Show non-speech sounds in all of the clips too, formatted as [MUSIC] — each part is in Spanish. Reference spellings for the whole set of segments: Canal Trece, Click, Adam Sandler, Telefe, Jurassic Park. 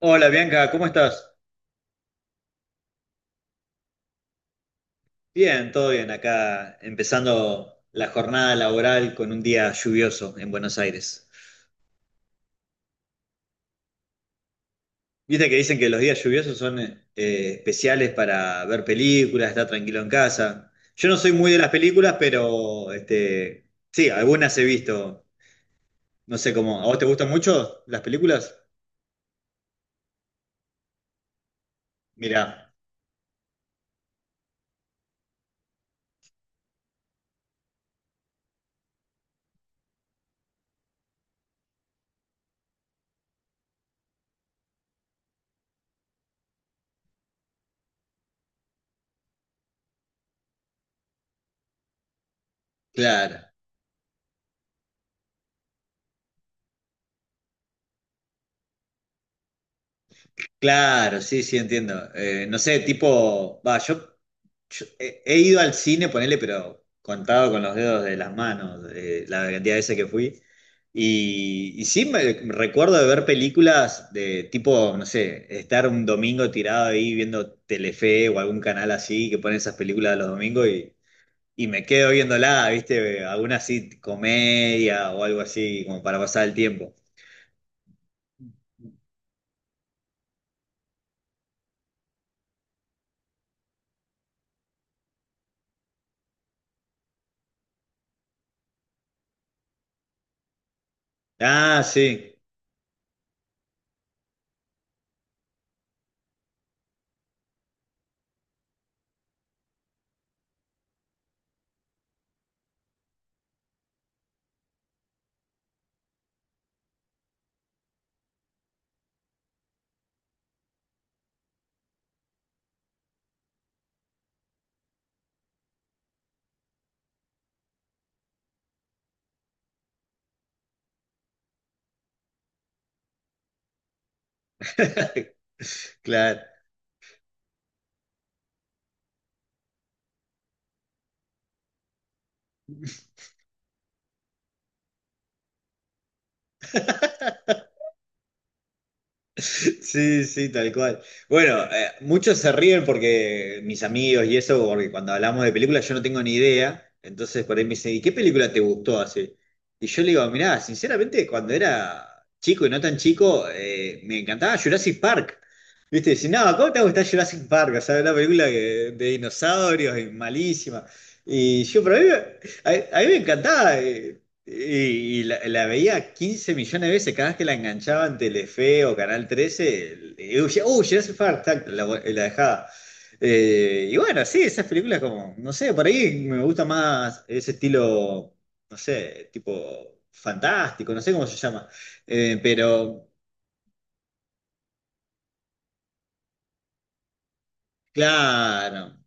Hola Bianca, ¿cómo estás? Bien, todo bien. Acá empezando la jornada laboral con un día lluvioso en Buenos Aires. Viste que dicen que los días lluviosos son especiales para ver películas, estar tranquilo en casa. Yo no soy muy de las películas, pero este, sí, algunas he visto. No sé cómo. ¿A vos te gustan mucho las películas? Mirá, claro. Claro, sí, sí, entiendo. No sé, tipo, va, yo he ido al cine, ponele, pero contado con los dedos de las manos, la cantidad de veces que fui. Y sí, me recuerdo de ver películas de tipo, no sé, estar un domingo tirado ahí viendo Telefe o algún canal así que pone esas películas de los domingos y me quedo viéndola, ¿viste? Alguna así, comedia o algo así, como para pasar el tiempo. Ah, sí, [LAUGHS] claro. Sí, sí, tal cual. Bueno, muchos se ríen porque mis amigos y eso, porque cuando hablamos de películas yo no tengo ni idea. Entonces por ahí me dicen, ¿y qué película te gustó así? Y yo le digo, mirá, sinceramente, cuando era chico y no tan chico, me encantaba Jurassic Park. ¿Viste? Dicen, no, ¿cómo te va a gustar Jurassic Park? O sea, una película de dinosaurios y malísima. Y yo, pero a mí, a mí me encantaba. Y la veía 15 millones de veces, cada vez que la enganchaba en Telefe o Canal Trece y yo decía, uy, ya hace falta, la dejaba. Y bueno, sí, esas películas como, no sé, por ahí me gusta más ese estilo, no sé, tipo fantástico, no sé cómo se llama. Pero, claro.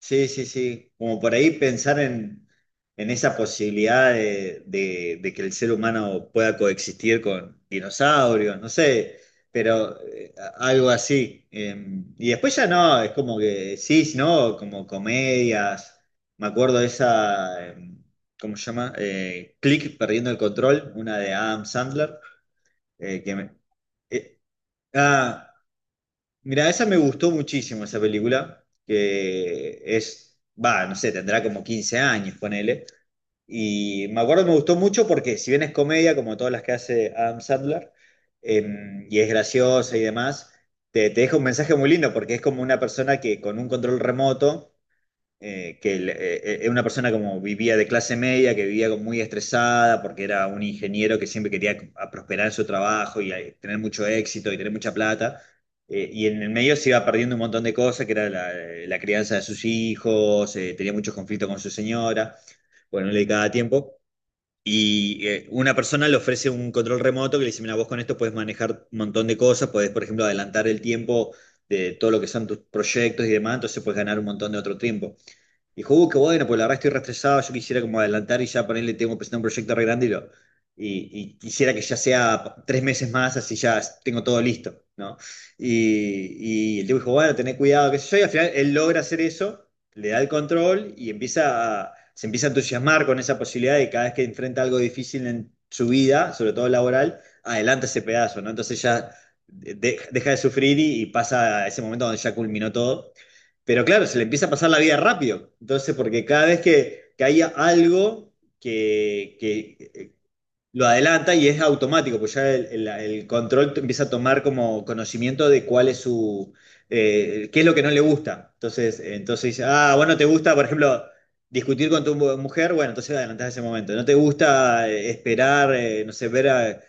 Sí, sí, sí. Como por ahí pensar en esa posibilidad de que el ser humano pueda coexistir con dinosaurios, no sé, pero algo así. Y después ya no, es como que sí, ¿no? Como comedias. Me acuerdo de esa, ¿cómo se llama? Click, perdiendo el control, una de Adam Sandler. eh, que me- eh, ah, Mira, esa me gustó muchísimo, esa película, que es, va, no sé, tendrá como 15 años, ponele. Y me acuerdo, me gustó mucho porque si bien es comedia, como todas las que hace Adam Sandler, y es graciosa y demás, te deja un mensaje muy lindo porque es como una persona que con un control remoto, una persona como vivía de clase media, que vivía como muy estresada porque era un ingeniero que siempre quería prosperar en su trabajo y tener mucho éxito y tener mucha plata. Y en el medio se iba perdiendo un montón de cosas, que era la crianza de sus hijos, tenía muchos conflictos con su señora, bueno, no le dedicaba tiempo. Y una persona le ofrece un control remoto que le dice, mira, vos con esto puedes manejar un montón de cosas, podés, por ejemplo, adelantar el tiempo de todo lo que son tus proyectos y demás, entonces puedes ganar un montón de otro tiempo. Dijo, qué bueno, pues la verdad estoy re estresado, yo quisiera como adelantar y ya ponerle, tengo que presentar un proyecto re grande y, y- y quisiera que ya sea 3 meses más, así ya tengo todo listo, ¿no? Y el tipo dijo, bueno, tené cuidado, qué sé yo, y al final él logra hacer eso, le da el control y empieza se empieza a entusiasmar con esa posibilidad de cada vez que enfrenta algo difícil en su vida, sobre todo laboral, adelanta ese pedazo, ¿no? Entonces ya deja de sufrir y pasa a ese momento donde ya culminó todo, pero claro, se le empieza a pasar la vida rápido. Entonces, porque cada vez que hay algo que lo adelanta y es automático, pues ya el control empieza a tomar como conocimiento de cuál es su, qué es lo que no le gusta. Entonces, dice, ah, bueno, te gusta, por ejemplo, discutir con tu mujer, bueno, entonces adelantás ese momento. No te gusta esperar, no sé, ver a,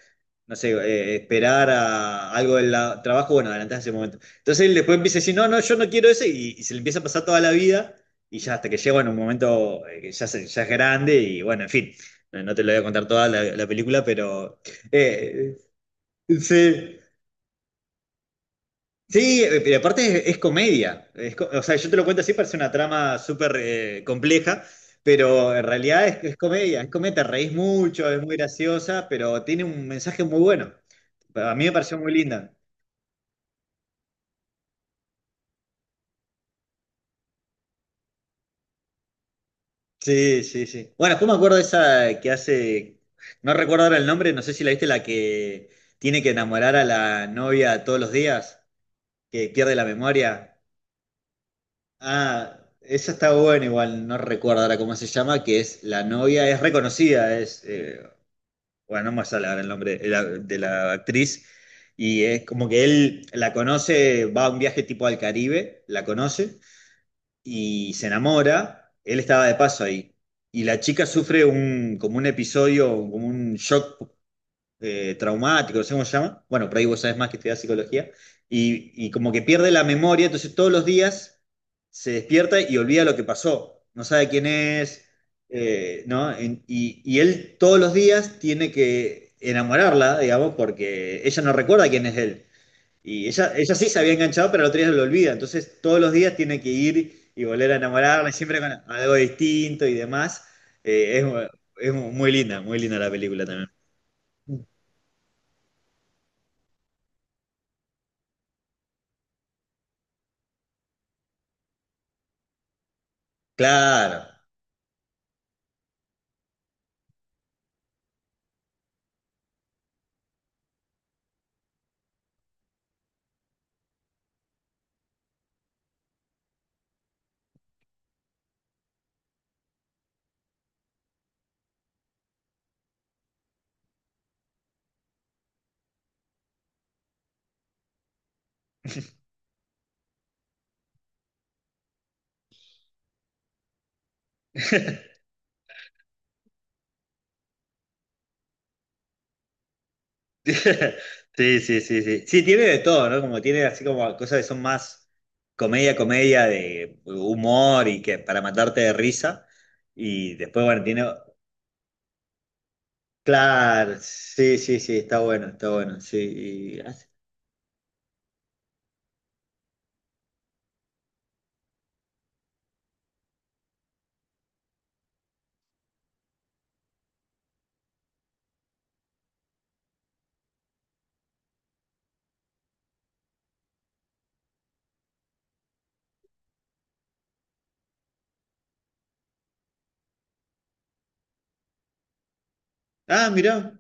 no sé, esperar a algo del trabajo, bueno, adelantás ese momento. Entonces él después empieza a decir, no, no, yo no quiero eso y se le empieza a pasar toda la vida. Y ya hasta que llega en un momento que ya, ya es grande y bueno, en fin. No, no te lo voy a contar toda la película, pero. eh, sí. Sí, pero aparte es comedia. Es o sea, yo te lo cuento así, parece una trama súper compleja, pero en realidad es comedia. Es comedia, te reís mucho, es muy graciosa, pero tiene un mensaje muy bueno. A mí me pareció muy linda. Sí, sí, sí. Bueno, después me acuerdo de esa que hace. No recuerdo ahora el nombre, no sé si la viste, la que tiene que enamorar a la novia todos los días, que pierde la memoria. Ah, esa está buena, igual no recuerdo ahora cómo se llama, que es la novia, es reconocida, bueno, no me sale ahora el nombre de la actriz, y es como que él la conoce, va a un viaje tipo al Caribe, la conoce, y se enamora, él estaba de paso ahí, y la chica sufre como un episodio, como un shock traumático, no sé cómo se llama. Bueno, por ahí vos sabés más que estudiás psicología. Y como que pierde la memoria, entonces todos los días se despierta y olvida lo que pasó. No sabe quién es, ¿no? Y él todos los días tiene que enamorarla, digamos, porque ella no recuerda quién es él. Y ella sí se había enganchado, pero el otro día lo olvida. Entonces todos los días tiene que ir y volver a enamorarla, siempre con algo distinto y demás. Eh, es, es muy linda la película también. Claro. [LAUGHS] Sí, sí, sí, sí. Sí, tiene de todo, ¿no? Como tiene así como cosas que son más comedia, comedia de humor y que para matarte de risa. Y después, bueno, tiene. Claro, sí, sí, sí, está bueno, está bueno. Sí. y Ah, mirá,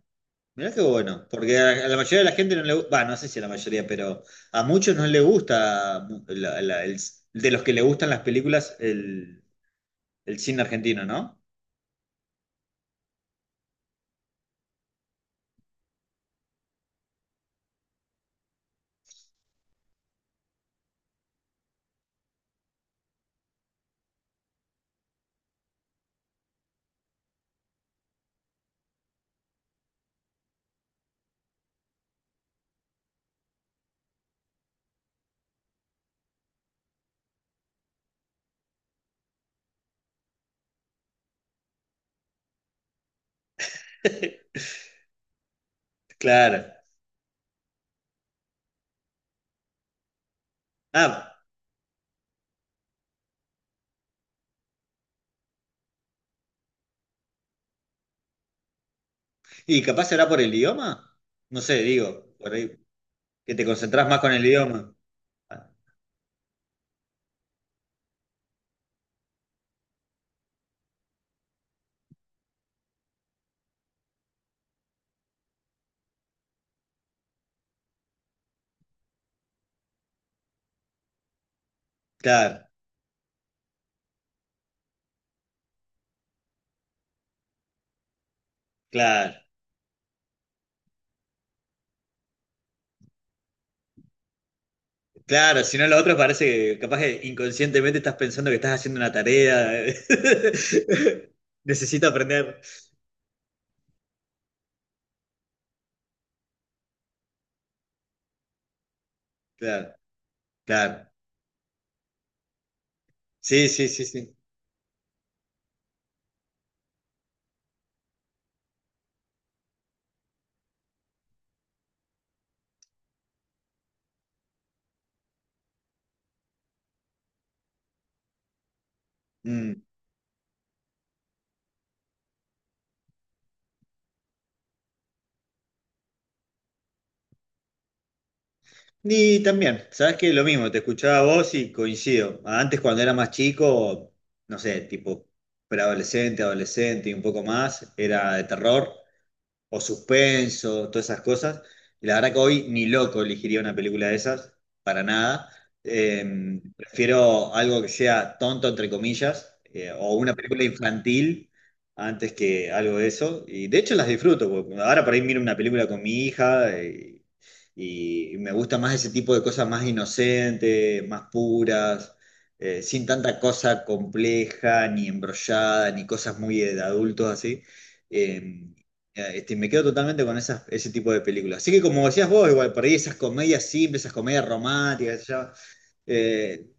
mirá qué bueno. Porque a la mayoría de la gente no le gusta. No sé si a la mayoría, pero a muchos no le gusta de los que le gustan las películas el cine argentino, ¿no? [LAUGHS] Claro. Ah. Y capaz será por el idioma. No sé, digo, por ahí, que te concentrás más con el idioma. Ah, claro, claro, claro. Si no, lo otro parece que capaz que inconscientemente estás pensando que estás haciendo una tarea. [LAUGHS] Necesito aprender. Claro, claro. Sí, sí, sí, sí. Mm. Y también, ¿sabes qué? Lo mismo, te escuchaba a vos y coincido. Antes, cuando era más chico, no sé, tipo preadolescente, adolescente y un poco más, era de terror, o suspenso, todas esas cosas. Y la verdad que hoy ni loco elegiría una película de esas, para nada. Prefiero algo que sea tonto, entre comillas, o una película infantil antes que algo de eso. Y de hecho las disfruto, porque ahora por ahí miro una película con mi hija. Y me gusta más ese tipo de cosas más inocentes, más puras, sin tanta cosa compleja, ni embrollada, ni cosas muy de adultos así. Eh, me quedo totalmente con esas, ese tipo de películas. Así que como decías vos, igual, por ahí esas comedias simples, esas comedias románticas, qué sé yo, eh,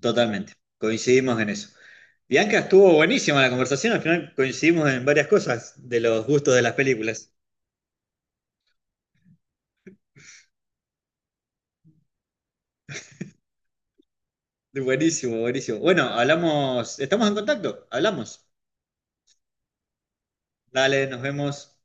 totalmente, coincidimos en eso. Bianca, estuvo buenísima la conversación, al final coincidimos en varias cosas de los gustos de las películas. Buenísimo, buenísimo. Bueno, hablamos, estamos en contacto, hablamos. Dale, nos vemos.